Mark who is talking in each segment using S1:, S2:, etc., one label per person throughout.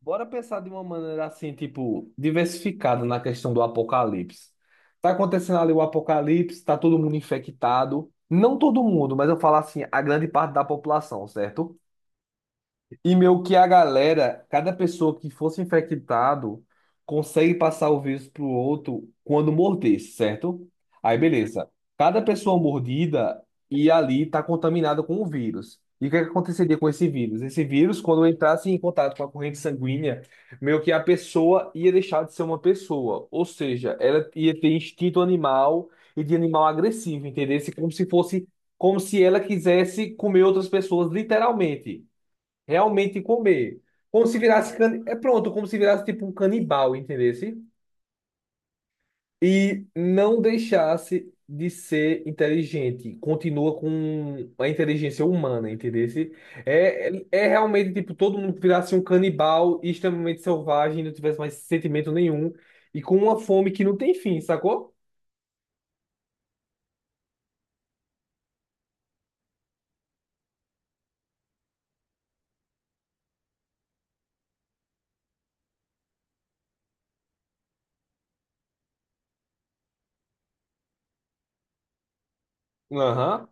S1: Bora pensar de uma maneira assim, tipo, diversificada na questão do apocalipse. Tá acontecendo ali o apocalipse, tá todo mundo infectado. Não todo mundo, mas eu falo assim, a grande parte da população, certo? E meu que a galera, cada pessoa que fosse infectado consegue passar o vírus pro outro quando morder, certo? Aí beleza. Cada pessoa mordida e ali está contaminada com o vírus. E o que é que aconteceria com esse vírus? Esse vírus, quando entrasse em contato com a corrente sanguínea, meio que a pessoa ia deixar de ser uma pessoa. Ou seja, ela ia ter instinto animal e de animal agressivo, entendeu? Como se fosse, como se ela quisesse comer outras pessoas, literalmente realmente comer. Como se virasse can... é pronto, como se virasse tipo um canibal, entendesse? E não deixasse de ser inteligente, continua com a inteligência humana, entendesse? É, realmente tipo todo mundo virasse um canibal e extremamente selvagem, não tivesse mais sentimento nenhum e com uma fome que não tem fim, sacou? Aham.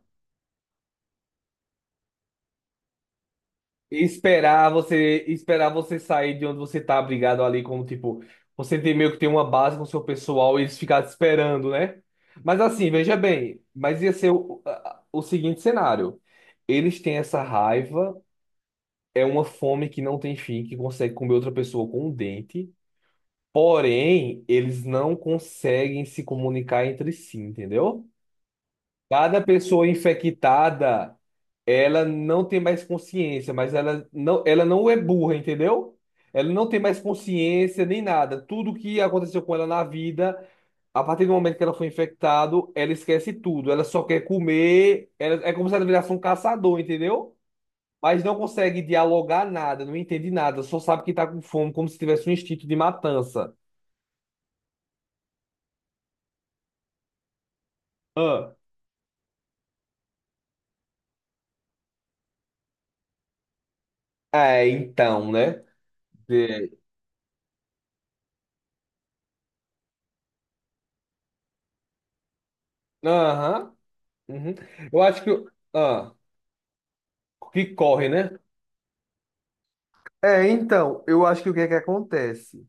S1: Esperar você sair de onde você tá abrigado ali, como tipo, você tem meio que tem uma base com seu pessoal e eles ficarem te esperando, né? Mas assim, veja bem, mas ia ser o seguinte cenário. Eles têm essa raiva, é uma fome que não tem fim, que consegue comer outra pessoa com um dente, porém, eles não conseguem se comunicar entre si, entendeu? Cada pessoa infectada, ela não tem mais consciência, mas ela não é burra, entendeu? Ela não tem mais consciência nem nada. Tudo que aconteceu com ela na vida, a partir do momento que ela foi infectada, ela esquece tudo. Ela só quer comer. Ela, é como se ela virasse um caçador, entendeu? Mas não consegue dialogar nada, não entende nada, só sabe que tá com fome, como se tivesse um instinto de matança. Ah. É, então, né? De- Aham. Uhum. Eu acho que. Ah. Que corre, né? É, então, eu acho que o que é que acontece?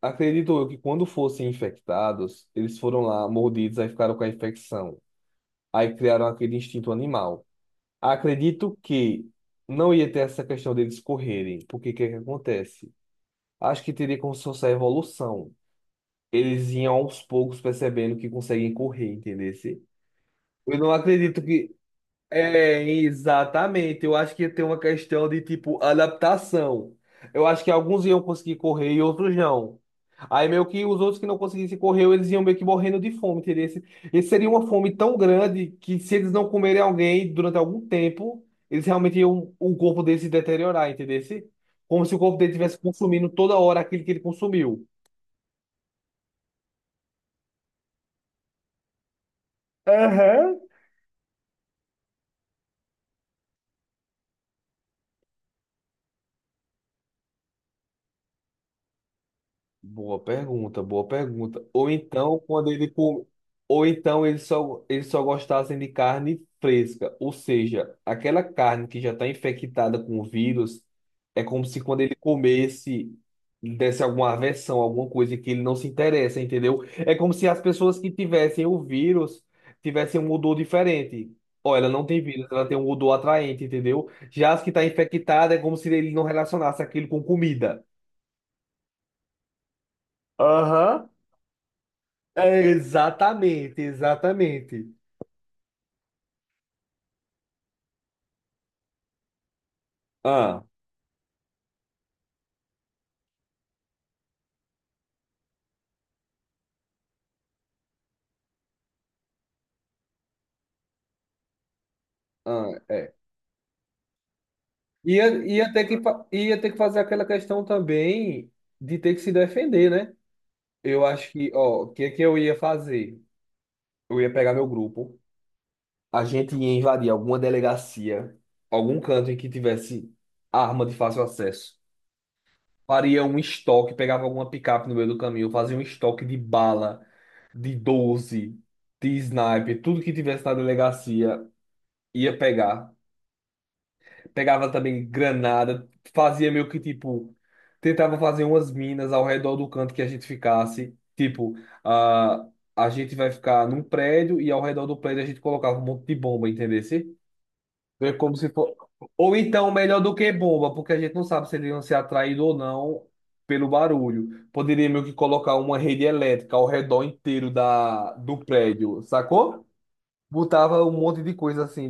S1: Acredito eu que quando fossem infectados, eles foram lá mordidos, aí ficaram com a infecção. Aí criaram aquele instinto animal. Acredito que não ia ter essa questão deles correrem, porque o que é que acontece? Acho que teria como se fosse a evolução. Eles iam aos poucos percebendo que conseguem correr, entendeu? Eu não acredito que É, exatamente. Eu acho que tem uma questão de, tipo, adaptação. Eu acho que alguns iam conseguir correr e outros não. Aí meio que os outros que não conseguissem correr, eles iam meio que morrendo de fome, entendeu? Esse seria uma fome tão grande que se eles não comerem alguém durante algum tempo, eles realmente iam o corpo deles se deteriorar, entendeu? Como se o corpo dele estivesse consumindo toda hora aquilo que ele consumiu. Aham. Boa pergunta, boa pergunta. Ou então, quando ele com... ou então eles só gostassem de carne fresca, ou seja, aquela carne que já está infectada com o vírus, é como se quando ele comesse lhe desse alguma aversão, alguma coisa que ele não se interessa, entendeu? É como se as pessoas que tivessem o vírus tivessem um odor diferente. Ó, ela não tem vírus, ela tem um odor atraente, entendeu? Já as que está infectada é como se ele não relacionasse aquilo com comida. Aham. É, exatamente, exatamente. Ah, ah, é. Ia ter que fazer aquela questão também de ter que se defender, né? Eu acho que, ó, o que é que eu ia fazer? Eu ia pegar meu grupo, a gente ia invadir alguma delegacia, algum canto em que tivesse arma de fácil acesso. Faria um estoque, pegava alguma picape no meio do caminho, fazia um estoque de bala, de doze, de sniper, tudo que tivesse na delegacia ia pegar. Pegava também granada, fazia meio que tipo, tentava fazer umas minas ao redor do canto que a gente ficasse. Tipo, a, a gente vai ficar num prédio e ao redor do prédio a gente colocava um monte de bomba, entendesse? É como se for... Ou então, melhor do que bomba, porque a gente não sabe se eles iam ser atraídos ou não pelo barulho. Poderia meio que colocar uma rede elétrica ao redor inteiro do prédio, sacou? Botava um monte de coisa assim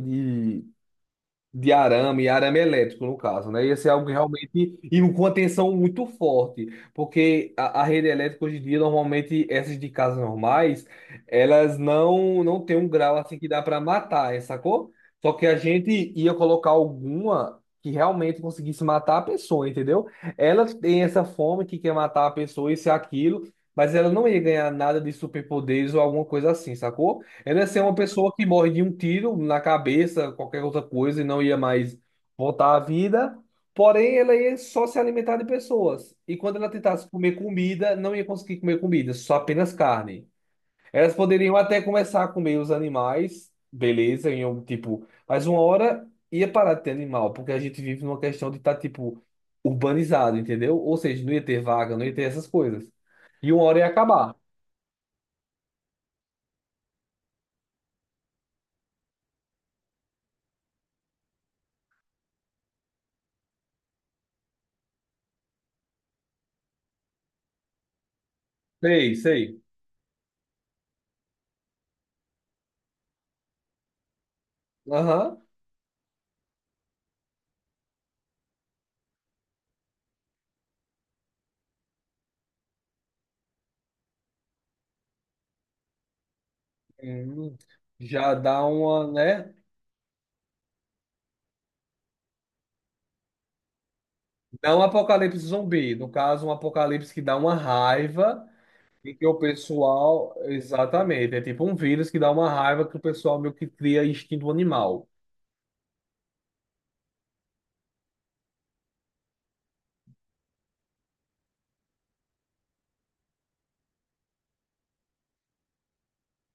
S1: de arame, e arame elétrico, no caso, né? Ia ser algo realmente e com uma tensão muito forte, porque a rede elétrica hoje em dia, normalmente, essas de casas normais, elas não tem um grau assim que dá para matar, sacou? Só que a gente ia colocar alguma que realmente conseguisse matar a pessoa, entendeu? Ela tem essa fome que quer matar a pessoa, isso e aquilo, mas ela não ia ganhar nada de superpoderes ou alguma coisa assim, sacou? Ela ia ser uma pessoa que morre de um tiro na cabeça, qualquer outra coisa, e não ia mais voltar à vida. Porém, ela ia só se alimentar de pessoas. E quando ela tentasse comer comida, não ia conseguir comer comida, só apenas carne. Elas poderiam até começar a comer os animais, beleza, em um tipo. Mas uma hora ia parar de ter animal, porque a gente vive numa questão de estar, tipo, urbanizado, entendeu? Ou seja, não ia ter vaga, não ia ter essas coisas. E uma hora ia acabar. Sei, sei. Aham. Hum, já dá uma, né? Dá um apocalipse zumbi. No caso, um apocalipse que dá uma raiva e que o pessoal. Exatamente. É tipo um vírus que dá uma raiva que o pessoal meio que cria instinto animal.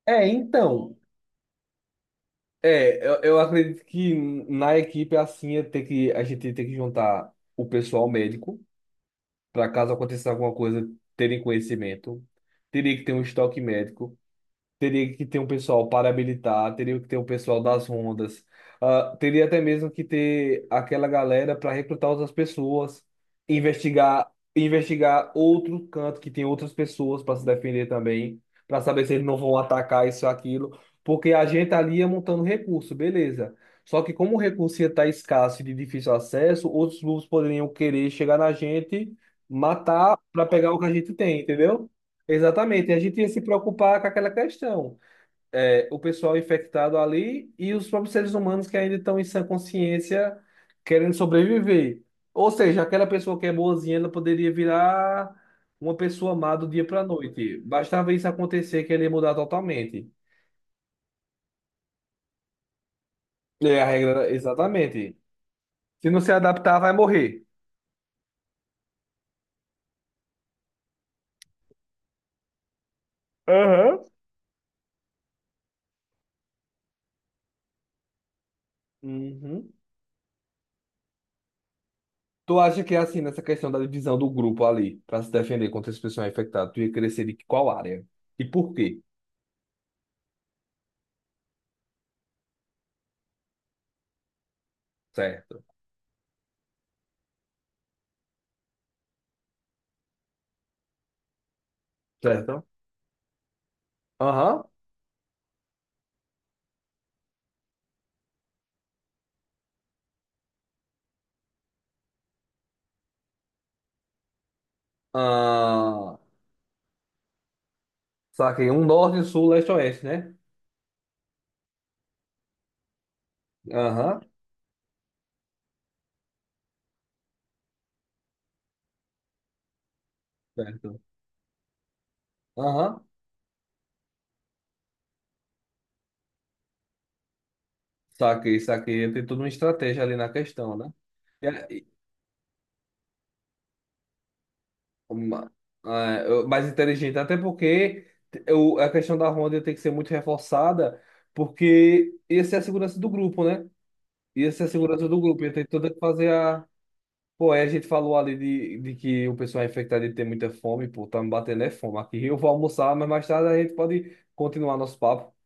S1: É, então. Eu acredito que na equipe é assim é ter que, a gente tem que juntar o pessoal médico, para caso aconteça alguma coisa, terem conhecimento. Teria que ter um estoque médico. Teria que ter um pessoal paramilitar, teria que ter um pessoal das rondas, teria até mesmo que ter aquela galera para recrutar outras pessoas, investigar, investigar outro canto que tem outras pessoas para se defender também, para saber se eles não vão atacar isso ou aquilo, porque a gente ali ia montando recurso, beleza. Só que como o recurso ia estar escasso e de difícil acesso, outros grupos poderiam querer chegar na gente, matar para pegar o que a gente tem, entendeu? Exatamente, a gente ia se preocupar com aquela questão. É, o pessoal infectado ali e os próprios seres humanos que ainda estão em sã consciência querendo sobreviver. Ou seja, aquela pessoa que é boazinha, ela poderia virar uma pessoa má do dia para a noite. Bastava isso acontecer que ele ia mudar totalmente. É a regra, exatamente. Se não se adaptar, vai morrer. Aham. Uhum. Tu acha que é assim, nessa questão da divisão do grupo ali, para se defender contra esse pessoal infectado, tu ia crescer de qual área? E por quê? Certo. Certo. Aham. Ah, saquei. Um norte, sul, leste, oeste, né? Aham. Certo. Aham. Saquei, saquei. Tem toda uma estratégia ali na questão, né? E a- e uma- Mais inteligente. Até porque a questão da ronda tem que ser muito reforçada, porque ia ser a segurança do grupo, né? Ia ser a segurança do grupo. Ia ter toda que fazer a. Pô, aí a gente falou ali de que o pessoal é infectado de ter muita fome, pô, tá me batendo é fome aqui. Eu vou almoçar, mas mais tarde a gente pode continuar nosso papo.